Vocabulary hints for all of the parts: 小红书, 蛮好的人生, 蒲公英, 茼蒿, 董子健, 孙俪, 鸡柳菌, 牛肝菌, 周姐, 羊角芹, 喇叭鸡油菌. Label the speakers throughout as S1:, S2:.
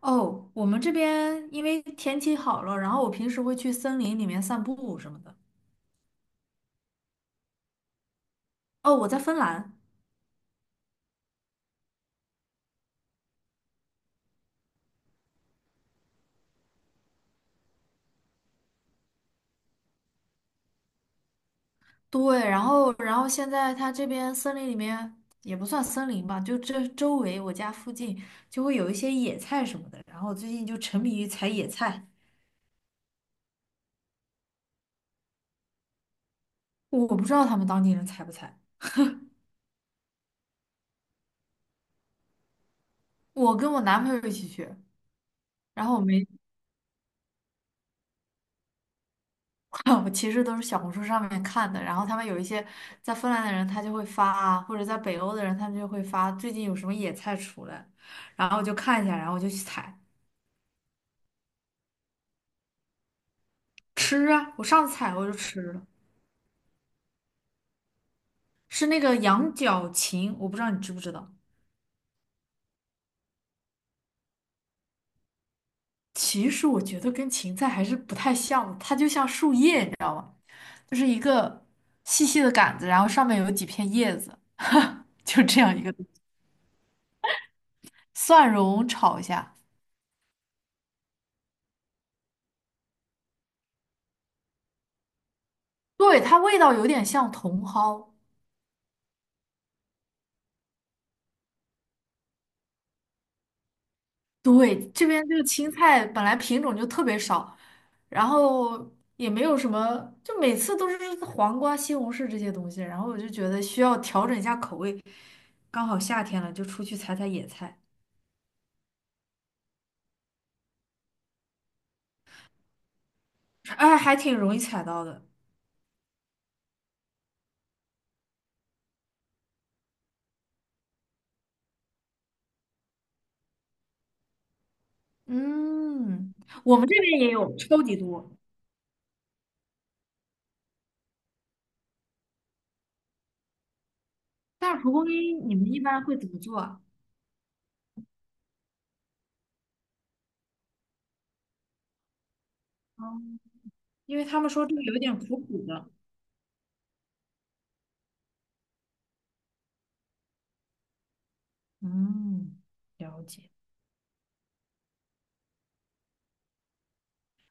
S1: 哦，我们这边因为天气好了，然后我平时会去森林里面散步什么的。哦，我在芬兰，对，然后现在它这边森林里面也不算森林吧，就这周围我家附近就会有一些野菜什么的，然后我最近就沉迷于采野菜，我不知道他们当地人采不采。我跟我男朋友一起去，然后我没。我其实都是小红书上面看的，然后他们有一些在芬兰的人，他就会发啊，或者在北欧的人，他们就会发最近有什么野菜出来，然后我就看一下，然后我就去采。吃啊。我上次采我就吃了，是那个羊角芹，我不知道你知不知道。其实我觉得跟芹菜还是不太像的，它就像树叶，你知道，就是一个细细的杆子，然后上面有几片叶子，就这样一个东西。蒜蓉炒一下，对，它味道有点像茼蒿。对，这边这个青菜本来品种就特别少，然后也没有什么，就每次都是黄瓜、西红柿这些东西，然后我就觉得需要调整一下口味。刚好夏天了，就出去采采野菜，哎，还挺容易采到的。嗯，我们这边也有超级多，但是蒲公英你们一般会怎么做啊？嗯因为他们说这个有点苦苦的。嗯，了解。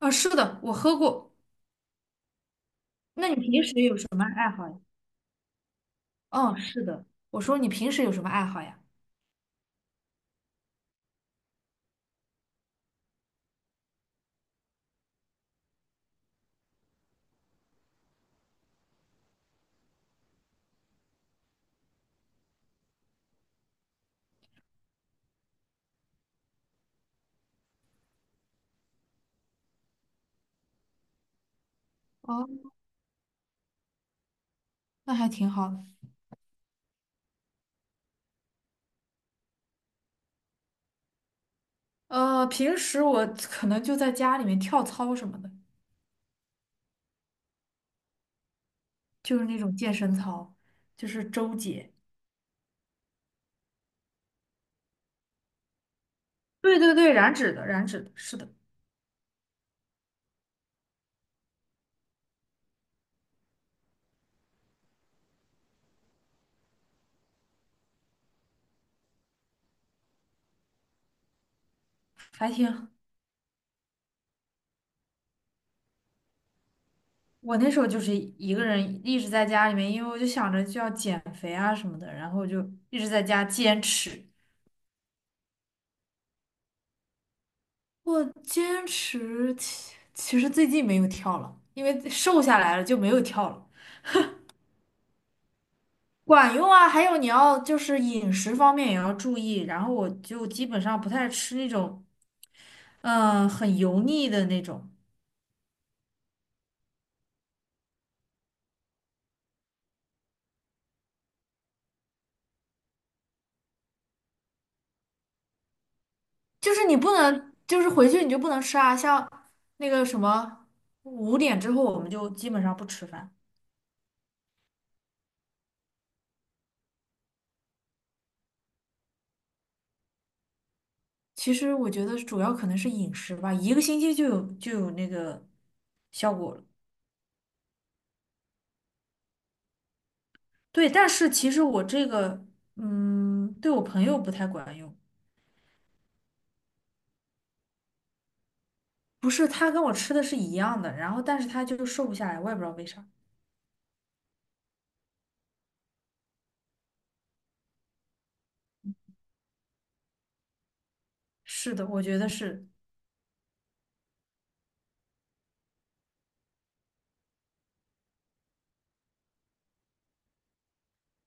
S1: 啊，是的，我喝过。那你平时有什么爱好呀？嗯，是的。我说你平时有什么爱好呀？哦，那还挺好的。平时我可能就在家里面跳操什么的，就是那种健身操，就是周姐。对对对，燃脂的，燃脂的，是的，还挺。我那时候就是一个人一直在家里面，因为我就想着就要减肥啊什么的，然后就一直在家坚持。我坚持，其实最近没有跳了，因为瘦下来了就没有跳了。管用啊，还有你要就是饮食方面也要注意，然后我就基本上不太吃那种，很油腻的那种，就是你不能，就是回去你就不能吃啊，像那个什么5点之后我们就基本上不吃饭。其实我觉得主要可能是饮食吧，一个星期就有那个效果了。对，但是其实我这个，对我朋友不太管用，不是他跟我吃的是一样的，然后但是他就瘦不下来，我也不知道为啥。是的，我觉得是。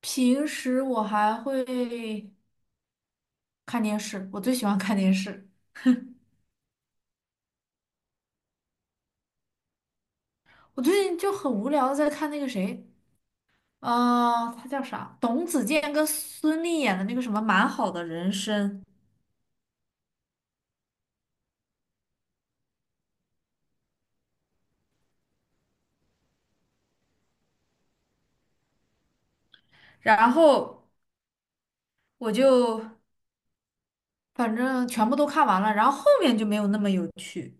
S1: 平时我还会看电视，我最喜欢看电视。我最近就很无聊的在看那个谁，他叫啥？董子健跟孙俪演的那个什么《蛮好的人生》，然后我就反正全部都看完了，然后后面就没有那么有趣。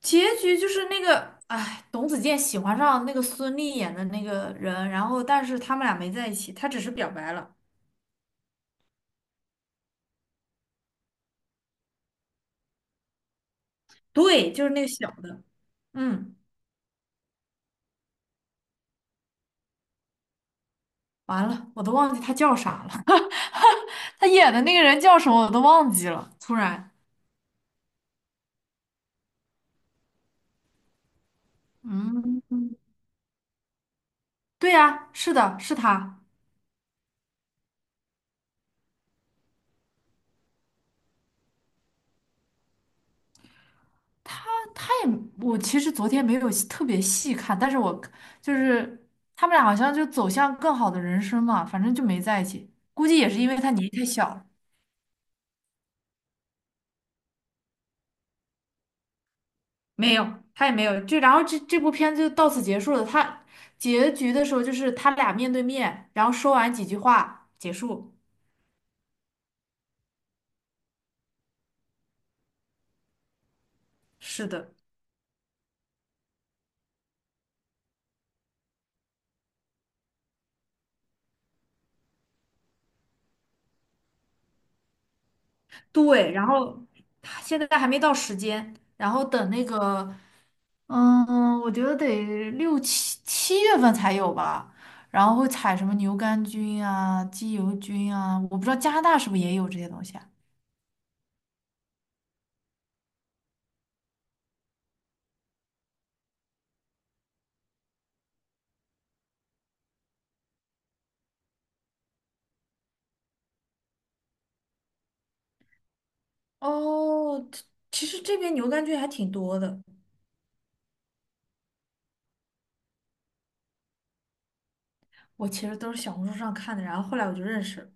S1: 结局就是那个，哎，董子健喜欢上那个孙俪演的那个人，然后但是他们俩没在一起，他只是表白了。对，就是那个小的，嗯。完了，我都忘记他叫啥了。他演的那个人叫什么我都忘记了。突然，嗯，对呀，是的，是他。但他也，我其实昨天没有细特别细看，但是我就是他们俩好像就走向更好的人生嘛，反正就没在一起。估计也是因为他年纪太小了。没有，他也没有。就然后这部片子就到此结束了。他结局的时候就是他俩面对面，然后说完几句话结束。是的。对，然后现在还没到时间，然后等那个，嗯，我觉得得六七月份才有吧。然后会采什么牛肝菌啊、鸡油菌啊，我不知道加拿大是不是也有这些东西啊。哦，其实这边牛肝菌还挺多的。我其实都是小红书上看的，然后后来我就认识了。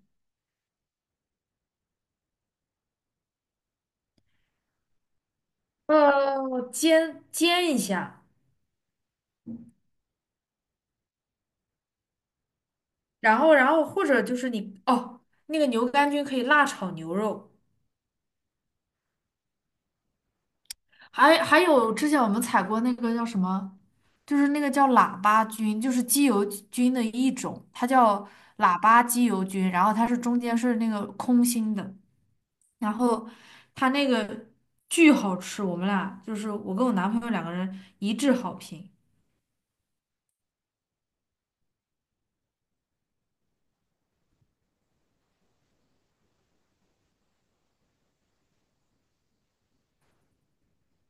S1: 煎煎一下，然后或者就是你哦，那个牛肝菌可以辣炒牛肉。还有之前我们采过那个叫什么，就是那个叫喇叭菌，就是鸡油菌的一种，它叫喇叭鸡油菌，然后它是中间是那个空心的，然后它那个巨好吃，我们俩就是我跟我男朋友两个人一致好评。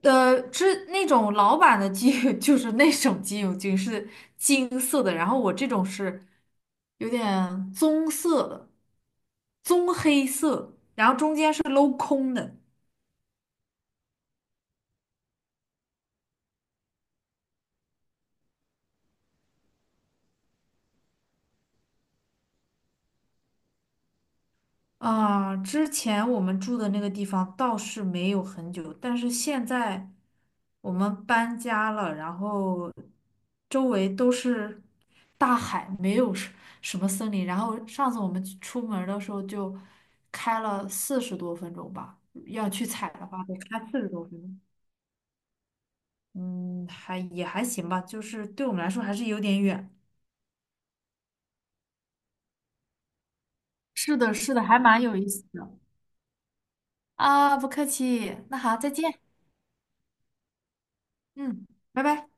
S1: 是那种老版的鸡 就是那种鸡柳菌是金色的，然后我这种是有点棕色的，棕黑色，然后中间是镂空的。啊，之前我们住的那个地方倒是没有很久，但是现在我们搬家了，然后周围都是大海，没有什么森林。然后上次我们去出门儿的时候就开了四十多分钟吧，要去采的话得开四十多分钟。嗯，还也还行吧，就是对我们来说还是有点远。是的，是的，还蛮有意思的。啊，不客气，那好，再见。嗯，拜拜。